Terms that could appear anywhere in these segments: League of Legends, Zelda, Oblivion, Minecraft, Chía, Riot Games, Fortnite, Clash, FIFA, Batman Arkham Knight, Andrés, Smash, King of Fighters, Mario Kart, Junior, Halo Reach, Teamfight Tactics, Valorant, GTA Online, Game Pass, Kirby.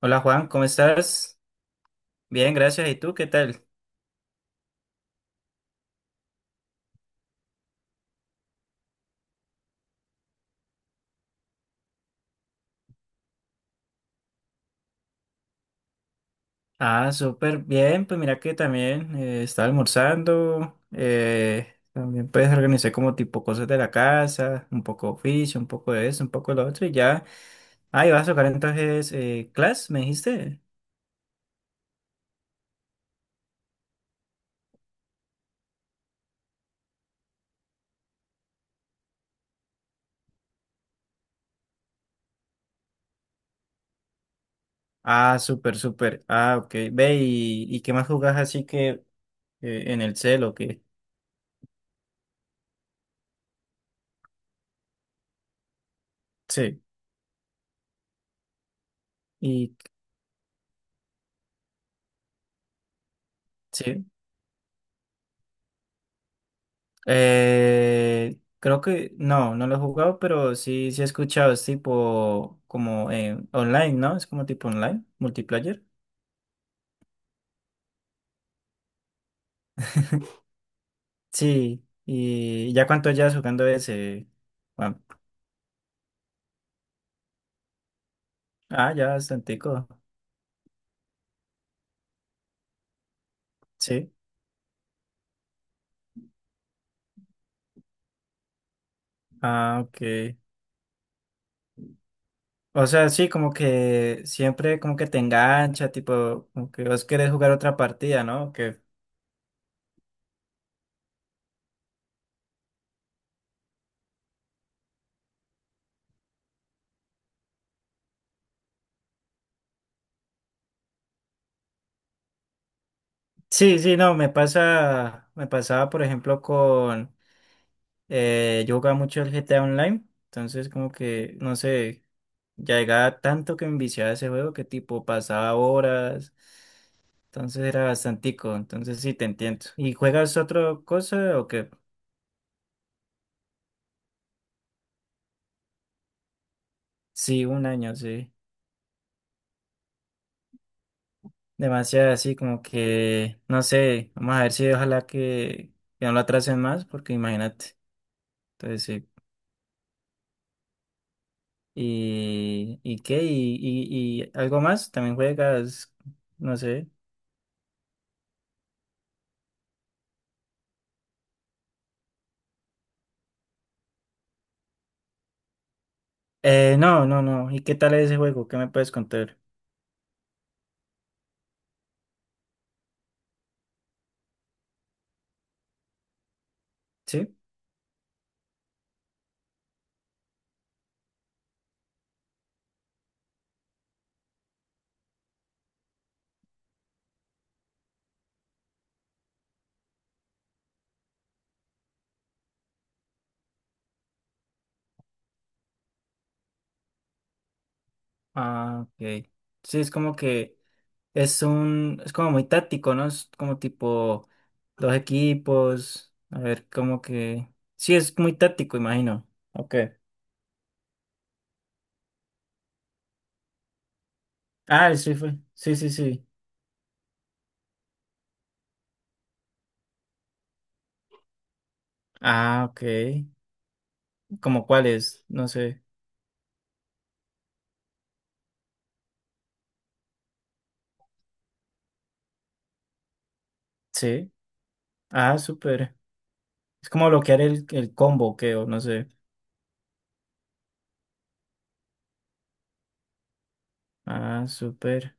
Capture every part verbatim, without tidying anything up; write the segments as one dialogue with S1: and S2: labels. S1: Hola Juan, ¿cómo estás? Bien, gracias. ¿Y tú qué tal? Ah, súper bien. Pues mira que también eh, estaba almorzando. Eh, también pues organizé como tipo cosas de la casa, un poco oficio, un poco de eso, un poco de lo otro y ya. Ah, ¿y vas a tocar entonces eh, Clash, me dijiste? Ah, súper, súper. Ah, ok. Ve, ¿y, y qué más jugás así que eh, en el celo? Que sí. Y sí. Eh, creo que no, no lo he jugado, pero sí, sí he escuchado. Es tipo como eh, online, ¿no? Es como tipo online, multiplayer. Sí, ¿y ya cuánto llevas jugando ese, Juan? Ah, ya bastantico, sí. Ah, ok. O sea, sí, como que siempre como que te engancha, tipo, como que vos querés jugar otra partida, ¿no? Que... Sí, sí, no, me pasa, me pasaba por ejemplo con... Eh, yo jugaba mucho el G T A Online, entonces como que, no sé, ya llegaba tanto que me viciaba ese juego que tipo pasaba horas, entonces era bastantico, entonces sí te entiendo. ¿Y juegas otra cosa o qué? Sí, un año, sí. Demasiado así como que, no sé, vamos a ver si ojalá que, que no lo atrasen más, porque imagínate, entonces sí. ¿Y, y qué? ¿Y, y, y algo más? ¿También juegas? No sé. Eh, no, no, no. ¿Y qué tal es ese juego? ¿Qué me puedes contar? ¿Sí? Ah, ok. Sí, es como que es un, es como muy táctico, ¿no? Es como tipo dos equipos. A ver, como que. Sí, es muy táctico, imagino. Ok. Ah, sí fue. Sí, sí, sí. Ah, ok. ¿Como cuáles? No sé. Sí. Ah, súper. Es como bloquear el, el combo, que, o no sé. Ah, súper.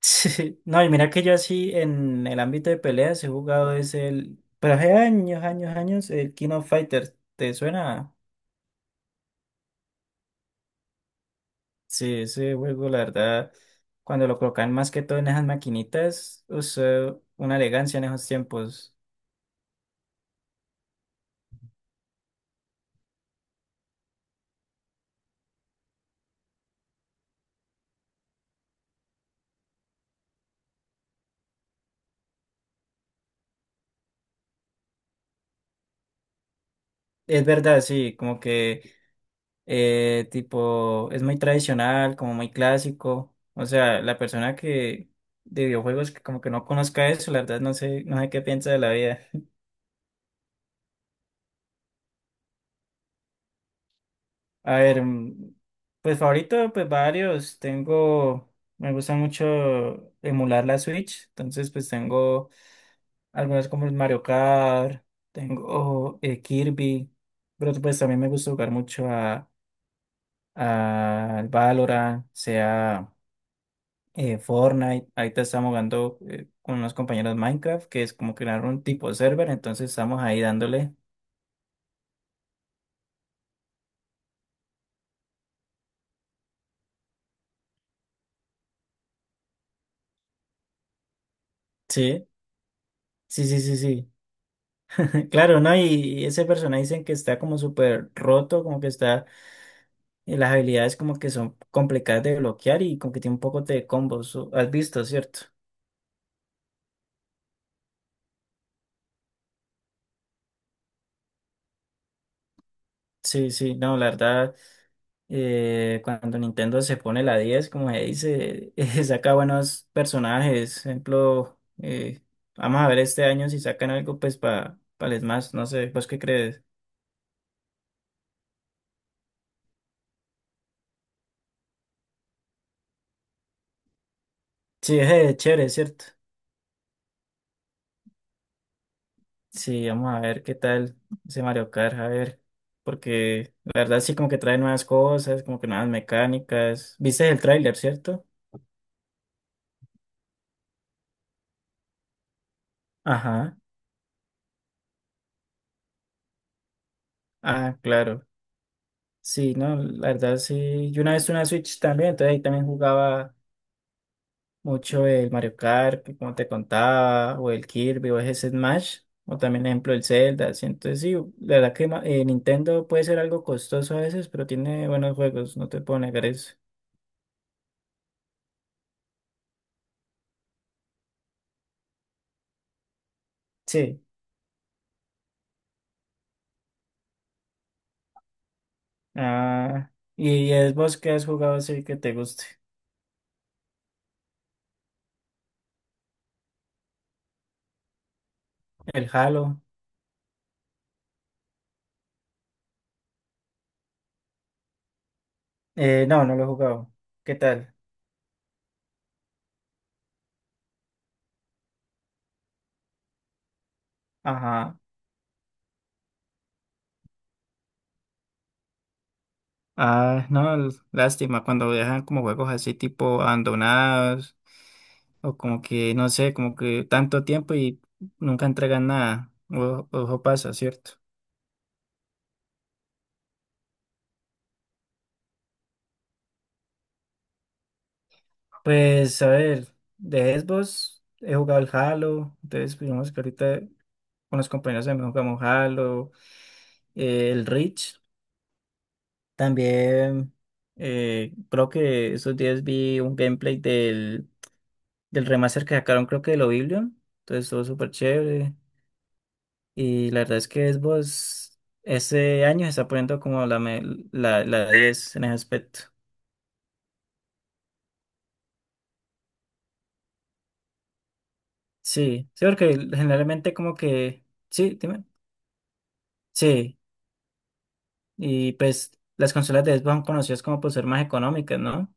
S1: Sí, no, y mira que yo así en el ámbito de peleas he jugado es el, pero hace años, años, años, el King of Fighters, ¿te suena? Sí, ese juego, la verdad, cuando lo colocan más que todo en esas maquinitas, usó una elegancia en esos tiempos. Es verdad, sí, como que eh, tipo, es muy tradicional, como muy clásico. O sea, la persona que de videojuegos que como que no conozca eso, la verdad no sé, no sé qué piensa de la vida. A ver, mm, pues favorito, pues varios. Tengo, me gusta mucho emular la Switch, entonces pues tengo algunos como el Mario Kart, tengo eh, Kirby, pero pues también me gusta jugar mucho a, a al Valorant, sea eh, Fortnite. Ahorita estamos jugando eh, con unos compañeros Minecraft, que es como crear un tipo server, entonces estamos ahí dándole. Sí, sí, sí, sí, sí. Claro, ¿no? Y ese personaje dicen que está como súper roto, como que está, eh, las habilidades como que son complicadas de bloquear y como que tiene un poco de combos. O- ¿Has visto, cierto? Sí, sí, no, la verdad, eh, cuando Nintendo se pone la diez, como se dice, eh, saca buenos personajes. Ejemplo, eh, vamos a ver este año si sacan algo pues para el Smash, no sé, ¿vos qué crees? Sí, es eh, chévere, ¿cierto? Sí, vamos a ver qué tal ese Mario Kart, a ver, porque la verdad sí como que trae nuevas cosas, como que nuevas mecánicas. ¿Viste el tráiler, cierto? Ajá. Ah, claro. Sí, no, la verdad sí. Yo una vez tuve una Switch también, entonces ahí también jugaba mucho el Mario Kart, que como te contaba, o el Kirby, o ese Smash, o también ejemplo el Zelda, así. Entonces sí, la verdad que ma- eh, Nintendo puede ser algo costoso a veces, pero tiene buenos juegos, no te puedo negar eso. Sí. Ah, ¿y es vos que has jugado así que te guste? El Halo. Eh, no, no lo he jugado. ¿Qué tal? Ajá. Ah, no, l- lástima cuando dejan como juegos así tipo abandonados o como que, no sé, como que tanto tiempo y nunca entregan nada. O- Ojo, pasa, ¿cierto? Pues a ver, de Xbox he jugado el Halo, entonces digamos que ahorita con los compañeros también jugamos Halo, eh, el Reach. También eh, creo que esos días vi un gameplay del, del remaster que sacaron, creo que de Oblivion. Entonces estuvo súper chévere. Y la verdad es que Xbox ese año se está poniendo como la, me- la, la diez en ese aspecto. Sí, sí, porque generalmente como que... Sí, dime. Sí, y pues las consolas de Xbox son conocidas como por ser más económicas, ¿no?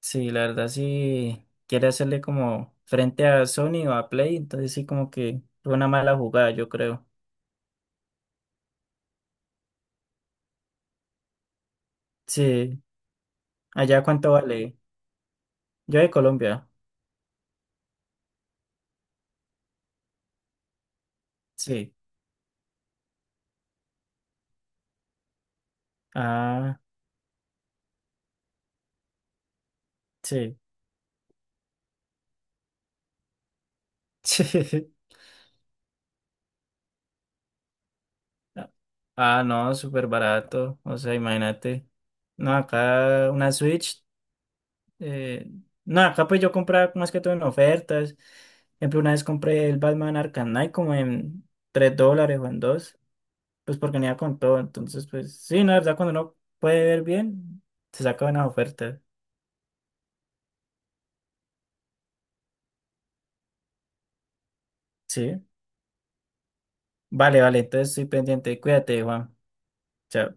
S1: Sí, la verdad sí quiere hacerle como frente a Sony o a Play, entonces sí como que fue una mala jugada, yo creo. Sí, allá cuánto vale. Yo de Colombia. Sí. Ah, sí. Sí. Ah, no, súper barato. O sea, imagínate. No, acá una Switch. eh, no, acá pues yo compraba más que todo en ofertas. Por ejemplo, una vez compré el Batman Arkham Knight como en tres dólares o en dos, pues porque venía con todo. Entonces, pues sí, no, la verdad, cuando uno puede ver bien, se saca buenas ofertas. Sí. Vale, vale, entonces estoy pendiente. Cuídate, Juan. Chao.